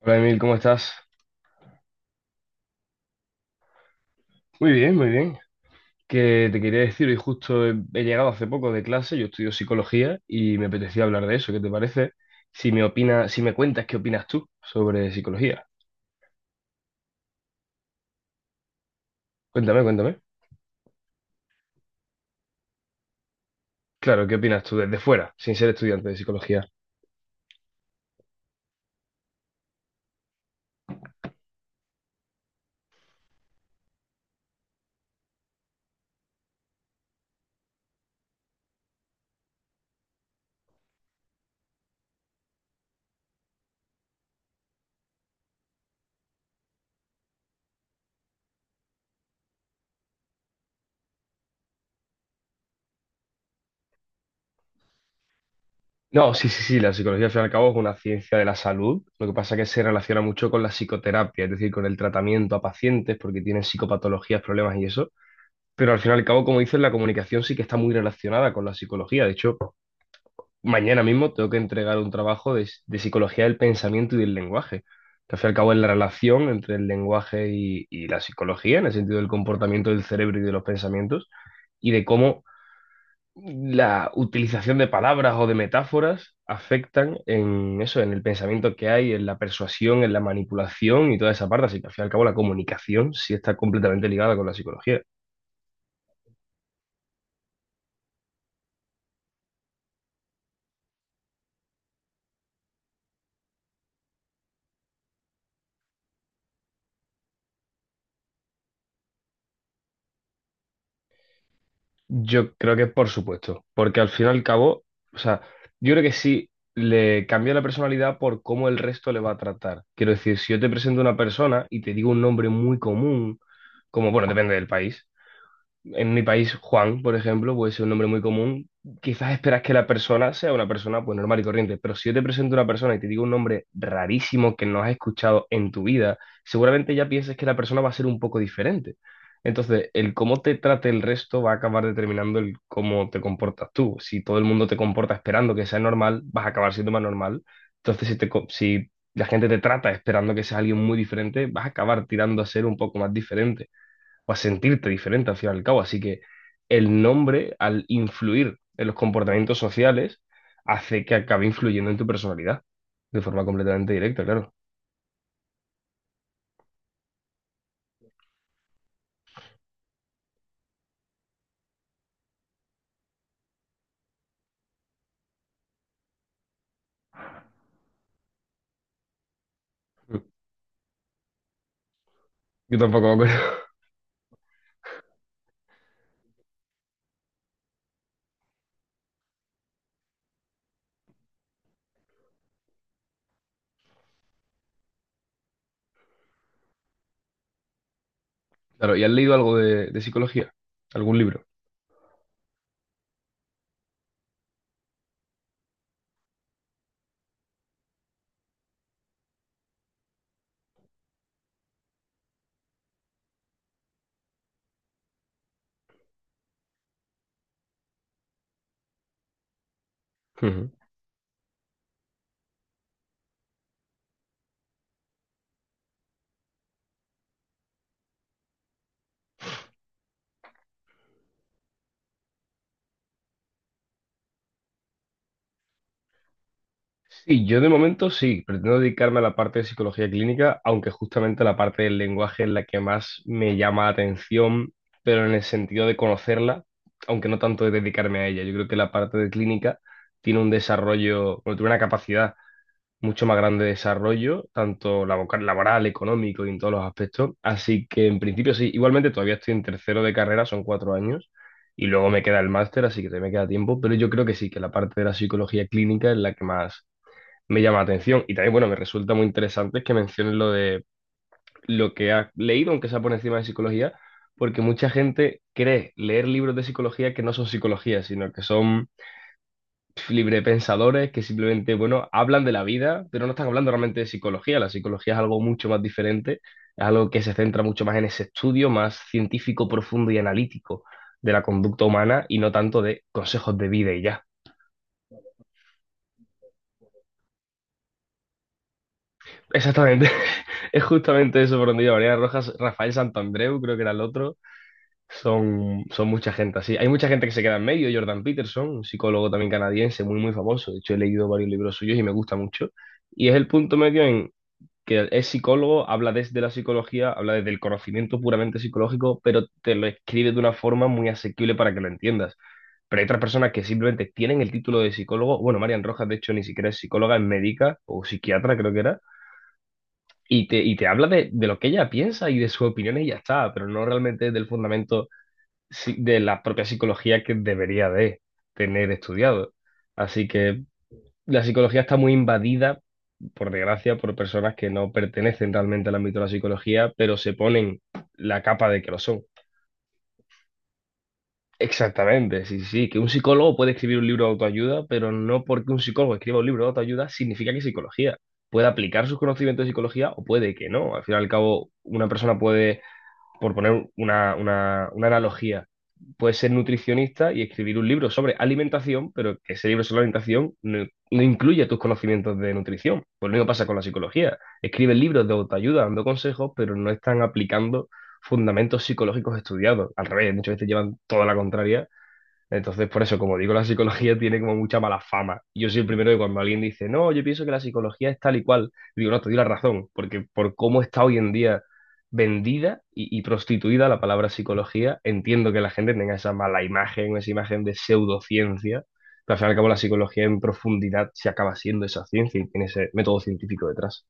Hola Emil, ¿cómo estás? Muy bien, muy bien. Que te quería decir, hoy justo he llegado hace poco de clase, yo estudio psicología y me apetecía hablar de eso. ¿Qué te parece? Si me opinas, si me cuentas qué opinas tú sobre psicología. Cuéntame, cuéntame. Claro, ¿qué opinas tú desde fuera, sin ser estudiante de psicología? No, sí, sí, sí, la psicología al fin y al cabo es una ciencia de la salud. Lo que pasa es que se relaciona mucho con la psicoterapia, es decir, con el tratamiento a pacientes porque tienen psicopatologías, problemas y eso. Pero al fin y al cabo, como dices, la comunicación sí que está muy relacionada con la psicología. De hecho, mañana mismo tengo que entregar un trabajo de psicología del pensamiento y del lenguaje, que al fin y al cabo es la relación entre el lenguaje y la psicología, en el sentido del comportamiento del cerebro y de los pensamientos, y de cómo la utilización de palabras o de metáforas afectan en eso, en el pensamiento que hay, en la persuasión, en la manipulación y toda esa parte. Así que al fin y al cabo la comunicación sí está completamente ligada con la psicología. Yo creo que por supuesto, porque al fin y al cabo, o sea, yo creo que sí le cambia la personalidad por cómo el resto le va a tratar. Quiero decir, si yo te presento a una persona y te digo un nombre muy común, como, bueno, depende del país, en mi país, Juan, por ejemplo, puede ser un nombre muy común. Quizás esperas que la persona sea una persona pues normal y corriente, pero si yo te presento a una persona y te digo un nombre rarísimo que no has escuchado en tu vida, seguramente ya pienses que la persona va a ser un poco diferente. Entonces, el cómo te trate el resto va a acabar determinando el cómo te comportas tú. Si todo el mundo te comporta esperando que sea normal, vas a acabar siendo más normal. Entonces, si la gente te trata esperando que seas alguien muy diferente, vas a acabar tirando a ser un poco más diferente o a sentirte diferente al fin y al cabo. Así que el nombre, al influir en los comportamientos sociales, hace que acabe influyendo en tu personalidad de forma completamente directa, claro. Yo tampoco me acuerdo. Claro, ¿y has leído algo de psicología? ¿Algún libro? Sí, yo de momento sí, pretendo dedicarme a la parte de psicología clínica, aunque justamente la parte del lenguaje es la que más me llama la atención, pero en el sentido de conocerla, aunque no tanto de dedicarme a ella. Yo creo que la parte de clínica tiene un desarrollo, bueno, tiene una capacidad mucho más grande de desarrollo, tanto labo- laboral, económico y en todos los aspectos. Así que en principio sí, igualmente todavía estoy en tercero de carrera, son cuatro años. Y luego me queda el máster, así que todavía me queda tiempo, pero yo creo que sí, que la parte de la psicología clínica es la que más me llama la atención. Y también, bueno, me resulta muy interesante que menciones lo de lo que has leído, aunque sea por encima de psicología, porque mucha gente cree leer libros de psicología que no son psicología, sino que son pf, librepensadores que simplemente, bueno, hablan de la vida, pero no están hablando realmente de psicología. La psicología es algo mucho más diferente, es algo que se centra mucho más en ese estudio más científico, profundo y analítico de la conducta humana y no tanto de consejos de vida y ya. Exactamente, es justamente eso por donde iba. Mariana Rojas, Rafael Santandreu, creo que era el otro. Son mucha gente así. Hay mucha gente que se queda en medio. Jordan Peterson, un psicólogo también canadiense, muy, muy famoso. De hecho, he leído varios libros suyos y me gusta mucho. Y es el punto medio en que es psicólogo, habla desde la psicología, habla desde el conocimiento puramente psicológico, pero te lo escribe de una forma muy asequible para que lo entiendas. Pero hay otras personas que simplemente tienen el título de psicólogo. Bueno, Marian Rojas, de hecho, ni siquiera es psicóloga, es médica o psiquiatra, creo que era y te habla de lo que ella piensa y de sus opiniones y ya está, pero no realmente del fundamento de la propia psicología que debería de tener estudiado. Así que la psicología está muy invadida, por desgracia, por personas que no pertenecen realmente al ámbito de la psicología, pero se ponen la capa de que lo son. Exactamente, sí, sí, sí, que un psicólogo puede escribir un libro de autoayuda, pero no porque un psicólogo escriba un libro de autoayuda significa que es psicología. Puede aplicar sus conocimientos de psicología o puede que no. Al fin y al cabo, una persona puede, por poner una analogía, puedes ser nutricionista y escribir un libro sobre alimentación, pero que ese libro sobre alimentación no, no incluye tus conocimientos de nutrición. Pues lo mismo pasa con la psicología. Escriben libros de autoayuda dando consejos, pero no están aplicando fundamentos psicológicos estudiados. Al revés, muchas veces llevan toda la contraria. Entonces, por eso, como digo, la psicología tiene como mucha mala fama. Y yo soy el primero que cuando alguien dice, no, yo pienso que la psicología es tal y cual, digo, no, te doy la razón, porque por cómo está hoy en día vendida y prostituida la palabra psicología, entiendo que la gente tenga esa mala imagen, esa imagen de pseudociencia, pero al fin y al cabo la psicología en profundidad se acaba siendo esa ciencia y tiene ese método científico detrás.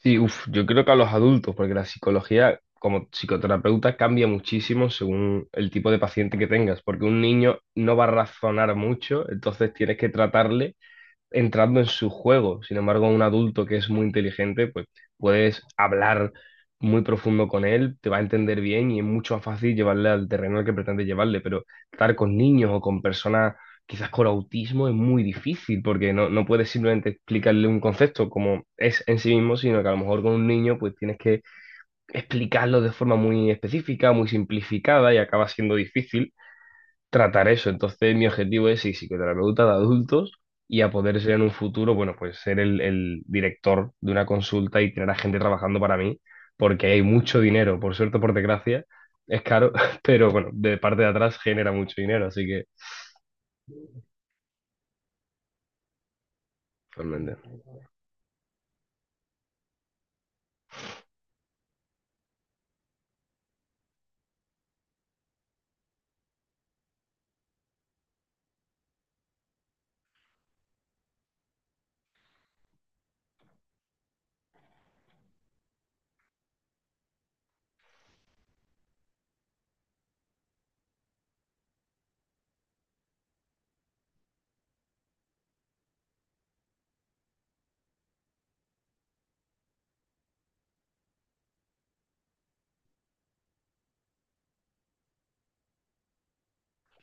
Sí, uf, yo creo que a los adultos, porque la psicología como psicoterapeuta cambia muchísimo según el tipo de paciente que tengas, porque un niño no va a razonar mucho, entonces tienes que tratarle entrando en su juego. Sin embargo, un adulto que es muy inteligente, pues puedes hablar muy profundo con él, te va a entender bien y es mucho más fácil llevarle al terreno al que pretende llevarle, pero estar con niños o con personas quizás con autismo es muy difícil porque no, no puedes simplemente explicarle un concepto como es en sí mismo, sino que a lo mejor con un niño pues tienes que explicarlo de forma muy específica, muy simplificada y acaba siendo difícil tratar eso. Entonces, mi objetivo es sí, psicoterapeuta de adultos y a poder ser en un futuro, bueno, pues ser el director de una consulta y tener a gente trabajando para mí, porque hay mucho dinero, por suerte o por desgracia, es caro, pero bueno, de parte de atrás genera mucho dinero, así que realmente,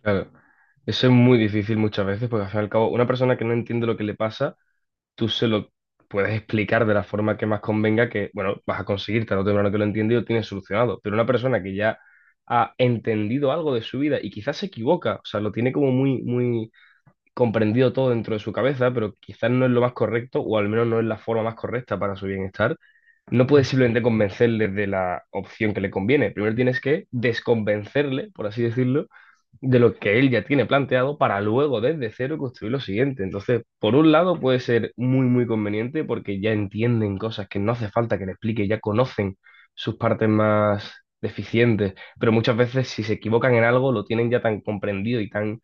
claro. Eso es muy difícil muchas veces, porque al fin y al cabo, una persona que no entiende lo que le pasa, tú se lo puedes explicar de la forma que más convenga que, bueno, vas a conseguir tarde o temprano que lo entiende y lo tienes solucionado. Pero una persona que ya ha entendido algo de su vida y quizás se equivoca, o sea, lo tiene como muy, muy comprendido todo dentro de su cabeza, pero quizás no es lo más correcto o al menos no es la forma más correcta para su bienestar, no puedes simplemente convencerle de la opción que le conviene. Primero tienes que desconvencerle, por así decirlo, de lo que él ya tiene planteado para luego desde cero construir lo siguiente. Entonces, por un lado puede ser muy, muy conveniente porque ya entienden cosas que no hace falta que le explique, ya conocen sus partes más deficientes, pero muchas veces si se equivocan en algo lo tienen ya tan comprendido y tan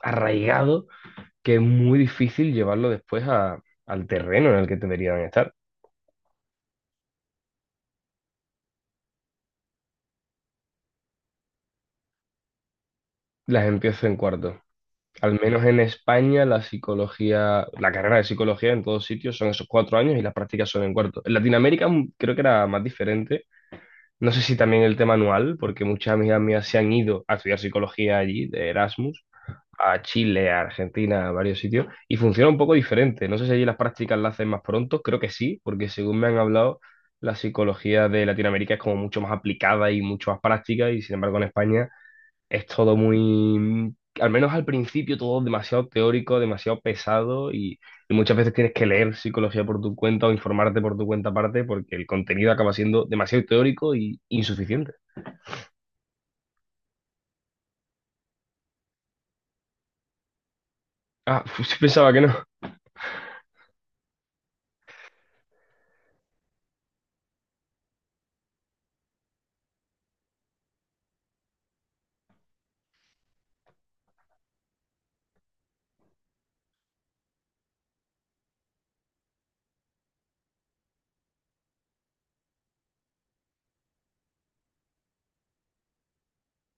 arraigado que es muy difícil llevarlo después al terreno en el que deberían estar. Las empiezo en cuarto. Al menos en España, la psicología, la carrera de psicología en todos sitios son esos 4 años y las prácticas son en cuarto. En Latinoamérica creo que era más diferente. No sé si también el tema anual, porque muchas amigas mías se han ido a estudiar psicología allí, de Erasmus, a Chile, a Argentina, a varios sitios, y funciona un poco diferente. No sé si allí las prácticas las hacen más pronto, creo que sí, porque según me han hablado, la psicología de Latinoamérica es como mucho más aplicada y mucho más práctica, y sin embargo en España es todo muy, al menos al principio, todo demasiado teórico, demasiado pesado y muchas veces tienes que leer psicología por tu cuenta o informarte por tu cuenta aparte porque el contenido acaba siendo demasiado teórico y insuficiente. Ah, sí pensaba que no.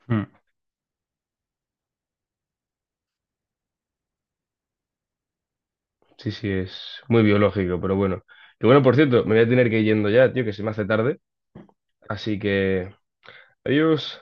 Mm. Sí, sí, es muy biológico, pero bueno. Que bueno, por cierto, me voy a tener que ir yendo ya, tío, que se me hace tarde. Así que, adiós.